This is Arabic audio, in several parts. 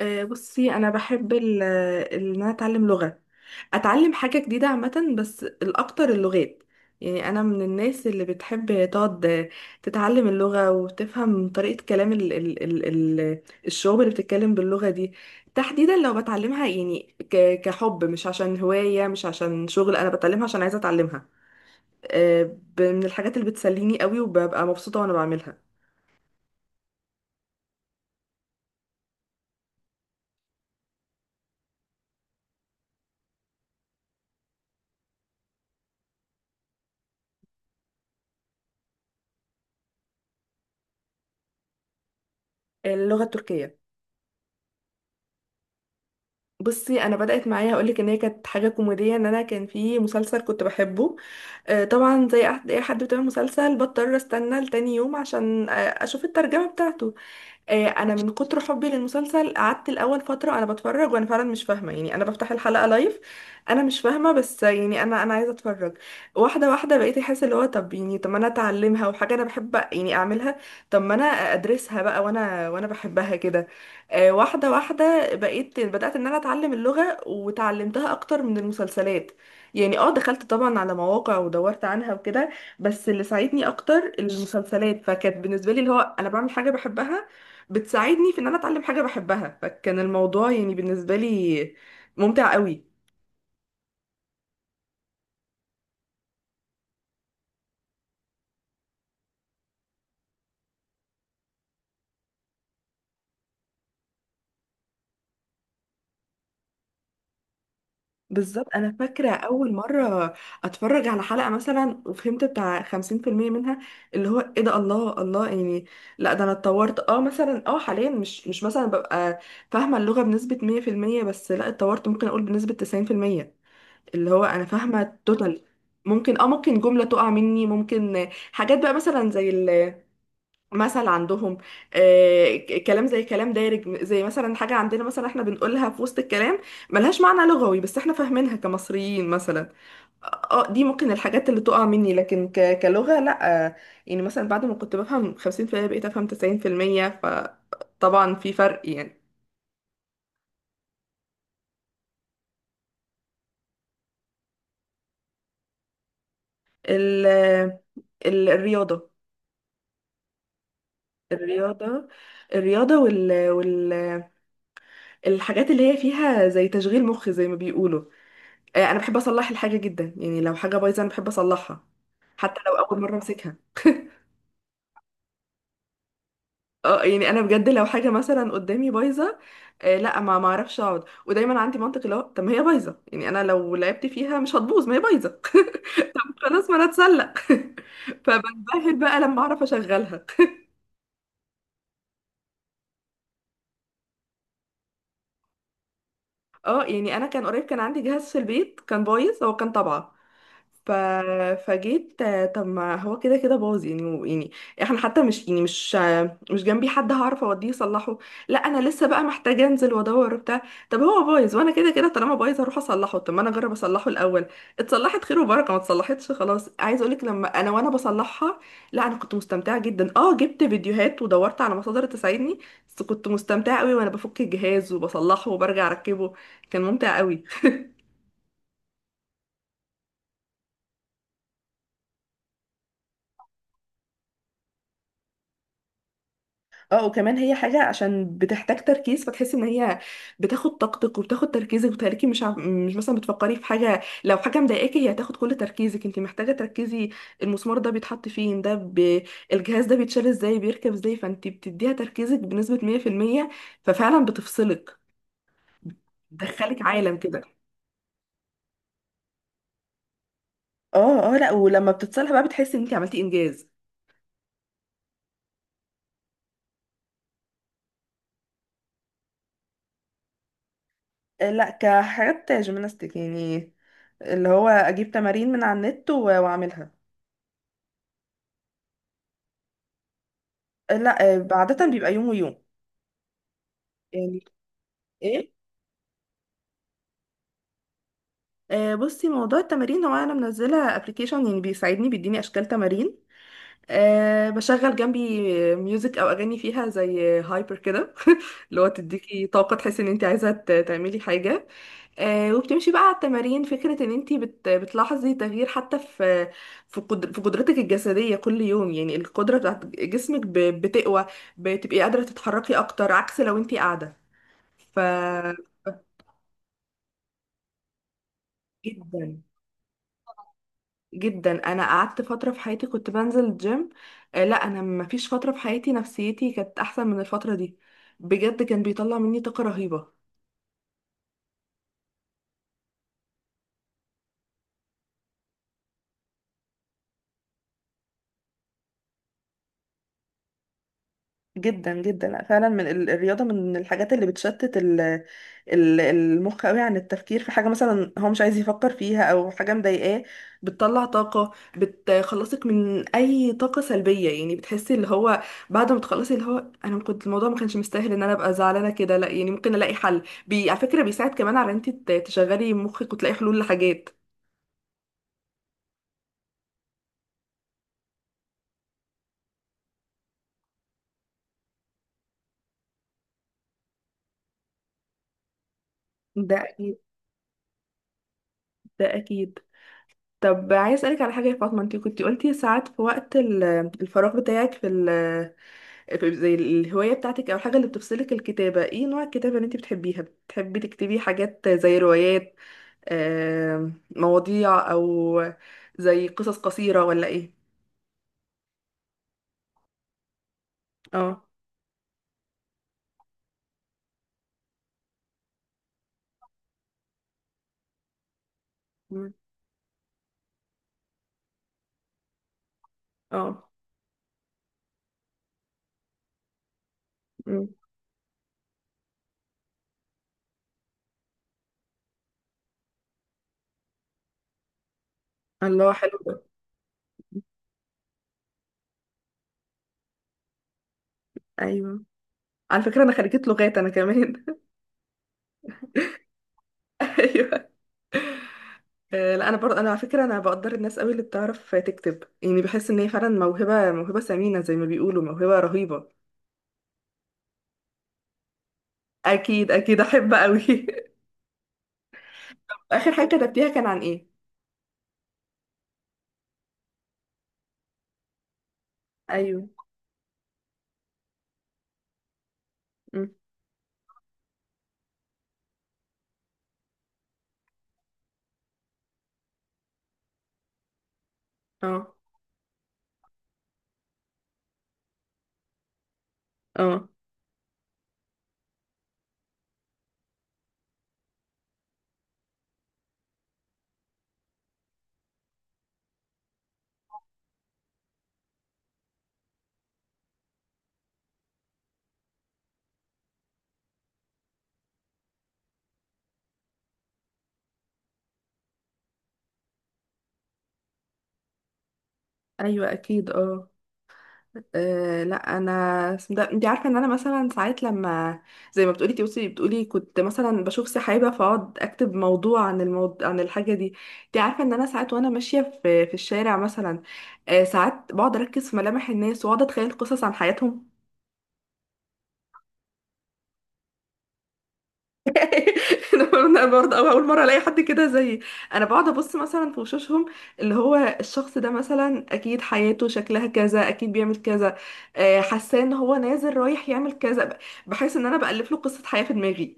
بصي انا بحب ان انا اتعلم لغه. اتعلم حاجه جديده عامه، بس الاكتر اللغات. يعني انا من الناس اللي بتحب تقعد تتعلم اللغه وتفهم طريقه كلام ال ال ال ال الشعوب اللي بتتكلم باللغه دي، تحديدا لو بتعلمها يعني كحب، مش عشان هوايه مش عشان شغل، انا بتعلمها عشان عايزه اتعلمها. آه، من الحاجات اللي بتسليني قوي وببقى مبسوطه وانا بعملها. اللغه التركيه. بصي انا بدات معايا، هقولك ان هي كانت حاجه كوميديه، ان انا كان في مسلسل كنت بحبه. آه، طبعا زي اي حد بتابع مسلسل بضطر استنى لتاني يوم عشان اشوف الترجمه بتاعته. آه، انا من كتر حبي للمسلسل قعدت الاول فتره انا بتفرج وانا فعلا مش فاهمه، يعني انا بفتح الحلقه لايف، انا مش فاهمه، بس يعني انا عايزه اتفرج. واحده واحده بقيت احس اللي هو طب يعني، طب ما انا اتعلمها وحاجه انا بحب يعني اعملها، طب ما انا ادرسها بقى وانا بحبها كده. آه، واحده واحده بقيت بدات ان انا اتعلم اللغه، وتعلمتها اكتر من المسلسلات، يعني اه دخلت طبعا على مواقع ودورت عنها وكده، بس اللي ساعدني اكتر المسلسلات، فكانت بالنسبه لي اللي هو انا بعمل حاجه بحبها بتساعدني في ان انا اتعلم حاجه بحبها، فكان الموضوع يعني بالنسبه لي ممتع قوي. بالظبط. انا فاكره اول مره اتفرج على حلقه مثلا وفهمت بتاع 50% منها، اللي هو ايه ده، الله الله يعني. لا ده انا اتطورت، اه مثلا اه حاليا مش مثلا ببقى فاهمه اللغه بنسبه 100%، بس لا اتطورت، ممكن اقول بنسبه 90%، اللي هو انا فاهمه توتال. ممكن ممكن جمله تقع مني، ممكن حاجات بقى مثلا زي مثل عندهم. آه، كلام زي كلام دارج، زي مثلا حاجة عندنا مثلا احنا بنقولها في وسط الكلام، ملهاش معنى لغوي بس احنا فاهمينها كمصريين مثلا. اه. آه، دي ممكن الحاجات اللي تقع مني، لكن كلغة لا. آه، يعني مثلا بعد ما كنت بفهم 50% بقيت افهم 90%، فطبعا في فرق يعني. ال الرياضة. الرياضة. الرياضة والحاجات اللي هي فيها زي تشغيل مخ زي ما بيقولوا. آه، انا بحب اصلح الحاجه جدا، يعني لو حاجه بايظه انا بحب اصلحها، حتى لو اول مره امسكها. اه، يعني انا بجد لو حاجه مثلا قدامي بايظه، آه لا ما اعرفش اقعد، ودايما عندي منطق اللي هو طب ما هي بايظه، يعني انا لو لعبت فيها مش هتبوظ، ما هي بايظه. خلاص ما انا اتسلق. فبنبهر بقى لما اعرف اشغلها. اه، يعني انا كان قريب كان عندي جهاز في البيت كان بايظ، هو كان طبعه. ف... فجيت طب ما هو كده كده باظ يعني، يعني احنا حتى مش يعني مش جنبي حد هعرف اوديه يصلحه، لا انا لسه بقى محتاجه انزل وادور وبتاع. طب هو بايظ وانا كده كده طالما بايظ هروح اصلحه، طب ما انا اجرب اصلحه الاول، اتصلحت خير وبركه، ما اتصلحتش خلاص. عايز اقولك لما انا بصلحها، لا انا كنت مستمتعه جدا، اه جبت فيديوهات ودورت على مصادر تساعدني، بس كنت مستمتعه قوي وانا بفك الجهاز وبصلحه وبرجع اركبه، كان ممتع قوي. اه، وكمان هي حاجة عشان بتحتاج تركيز، فتحس ان هي بتاخد طاقتك وبتاخد تركيزك وتهلكي، مش مثلا بتفكري في حاجة، لو حاجة مضايقاكي هي هتاخد كل تركيزك، انت محتاجة تركزي. المسمار ده بيتحط فين ده الجهاز ده بيتشال ازاي، بيركب ازاي، فانت بتديها تركيزك بنسبة 100%، ففعلا بتفصلك، بتدخلك عالم كده. اه، اه، لا، ولما بتتصالح بقى بتحسي ان انت عملتي انجاز. آه، لا كحاجات جيمناستيك يعني، اللي هو اجيب تمارين من على النت واعملها. لا. آه، عادة بيبقى يوم ويوم. يعني. ايه. آه، بصي موضوع التمارين هو انا منزله ابلكيشن يعني بيساعدني بيديني اشكال تمارين. أه. بشغل جنبي ميوزك او اغاني فيها زي هايبر كده، اللي هو تديكي طاقه تحسي ان انت عايزه تعملي حاجه. أه، وبتمشي بقى على التمارين، فكره ان انت بتلاحظي تغيير حتى في في قدر في قدرتك الجسديه كل يوم، يعني القدره بتاعت جسمك بتقوى، بتبقي قادره تتحركي اكتر عكس لو انت قاعده. ف جدا جدا، انا قعدت فتره في حياتي كنت بنزل الجيم. آه، لا، انا ما فيش فتره في حياتي نفسيتي كانت احسن من الفتره دي، بجد كان بيطلع مني طاقه رهيبه. جدا جدا. لأ، فعلا من الرياضة، من الحاجات اللي بتشتت المخ قوي، عن التفكير في حاجة مثلا هو مش عايز يفكر فيها او حاجة مضايقاه، بتطلع طاقة، بتخلصك من اي طاقة سلبية، يعني بتحسي اللي هو بعد ما تخلصي اللي هو، انا كنت الموضوع ما كانش مستاهل ان انا ابقى زعلانة كده، لا يعني ممكن الاقي حل، بي، على فكرة بيساعد كمان على ان انت تشغلي مخك وتلاقي حلول لحاجات. ده أكيد. ده أكيد. طب عايز أسألك على حاجة يا فاطمة، أنت كنت قلتي ساعات في وقت الفراغ بتاعك، في زي الهواية بتاعتك أو الحاجة اللي بتفصلك، الكتابة، ايه نوع الكتابة اللي انت بتحبيها؟ بتحبي تكتبي حاجات زي روايات، مواضيع، أو زي قصص قصيرة، ولا ايه؟ اه. مم. اه. مم. الله حلو ده. ايوه، على فكرة أنا خريجة لغات أنا كمان. ايوه. آه، لا انا برضه، انا على فكره انا بقدر الناس قوي اللي بتعرف تكتب، يعني بحس ان هي فعلا موهبه ثمينه زي ما بيقولوا، موهبه رهيبه. اكيد اكيد احب قوي. اخر حاجه كتبتيها كان عن ايه؟ ايوه. أم. اه. اه. ايوه. اكيد. اه. آه، لا انا، اسم ده انت عارفه ان انا مثلا ساعات لما، زي ما بتقولي توصي بتقولي، كنت مثلا بشوف سحابه فاقعد اكتب موضوع عن الموضوع عن الحاجه دي. انت عارفه ان انا ساعات وانا ماشيه في الشارع مثلا، آه، ساعات بقعد اركز في ملامح الناس واقعد اتخيل قصص عن حياتهم. انا برضه، أو اول مره الاقي حد كده زيي، انا بقعد ابص مثلا في وشوشهم، اللي هو الشخص ده مثلا اكيد حياته شكلها كذا، اكيد بيعمل كذا. آه، حاساه ان هو نازل رايح يعمل كذا بحس ان انا بالف له قصه حياه في دماغي.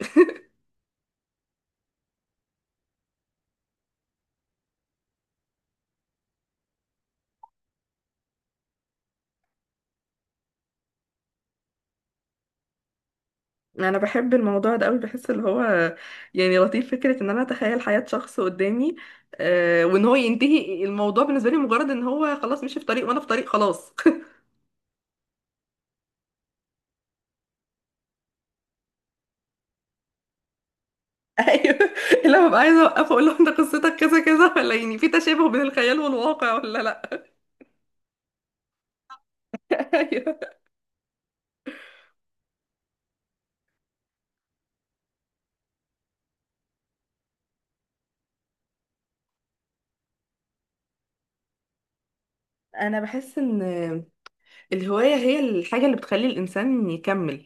انا بحب الموضوع ده قوي، بحس اللي هو، يعني لطيف فكره ان انا اتخيل حياه شخص قدامي. آه، وان هو ينتهي الموضوع بالنسبه لي مجرد ان هو خلاص، مشي في طريق وانا في طريق خلاص. ايوه، اللي أنا ببقى عايزه اوقفه اقول لهم ده قصتك كذا كذا، ولا يعني في تشابه بين الخيال والواقع ولا لا. ايوه. انا بحس ان الهوايه هي الحاجه اللي بتخلي الانسان يكمل،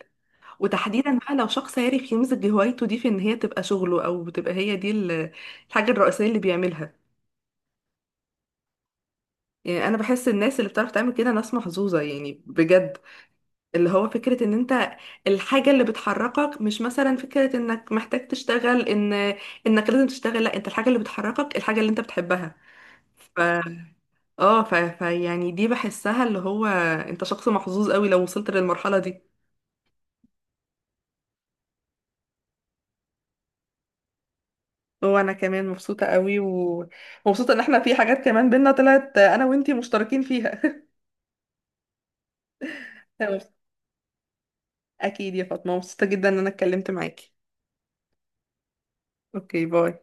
وتحديدا بقى لو شخص عارف يمزج هوايته دي في ان هي تبقى شغله، او بتبقى هي دي الحاجه الرئيسيه اللي بيعملها. يعني انا بحس الناس اللي بتعرف تعمل كده ناس محظوظه، يعني بجد، اللي هو فكرة ان انت الحاجة اللي بتحركك، مش مثلا فكرة انك محتاج تشتغل، انك لازم تشتغل، لا، انت الحاجة اللي بتحركك الحاجة اللي انت بتحبها. ف اه ف... ف يعني دي بحسها اللي هو انت شخص محظوظ قوي لو وصلت للمرحلة دي. وانا كمان مبسوطة قوي ومبسوطة ان احنا في حاجات كمان بينا طلعت انا وانتي مشتركين فيها. اكيد يا فاطمة، مبسوطة جدا ان انا اتكلمت معاكي. اوكي، باي.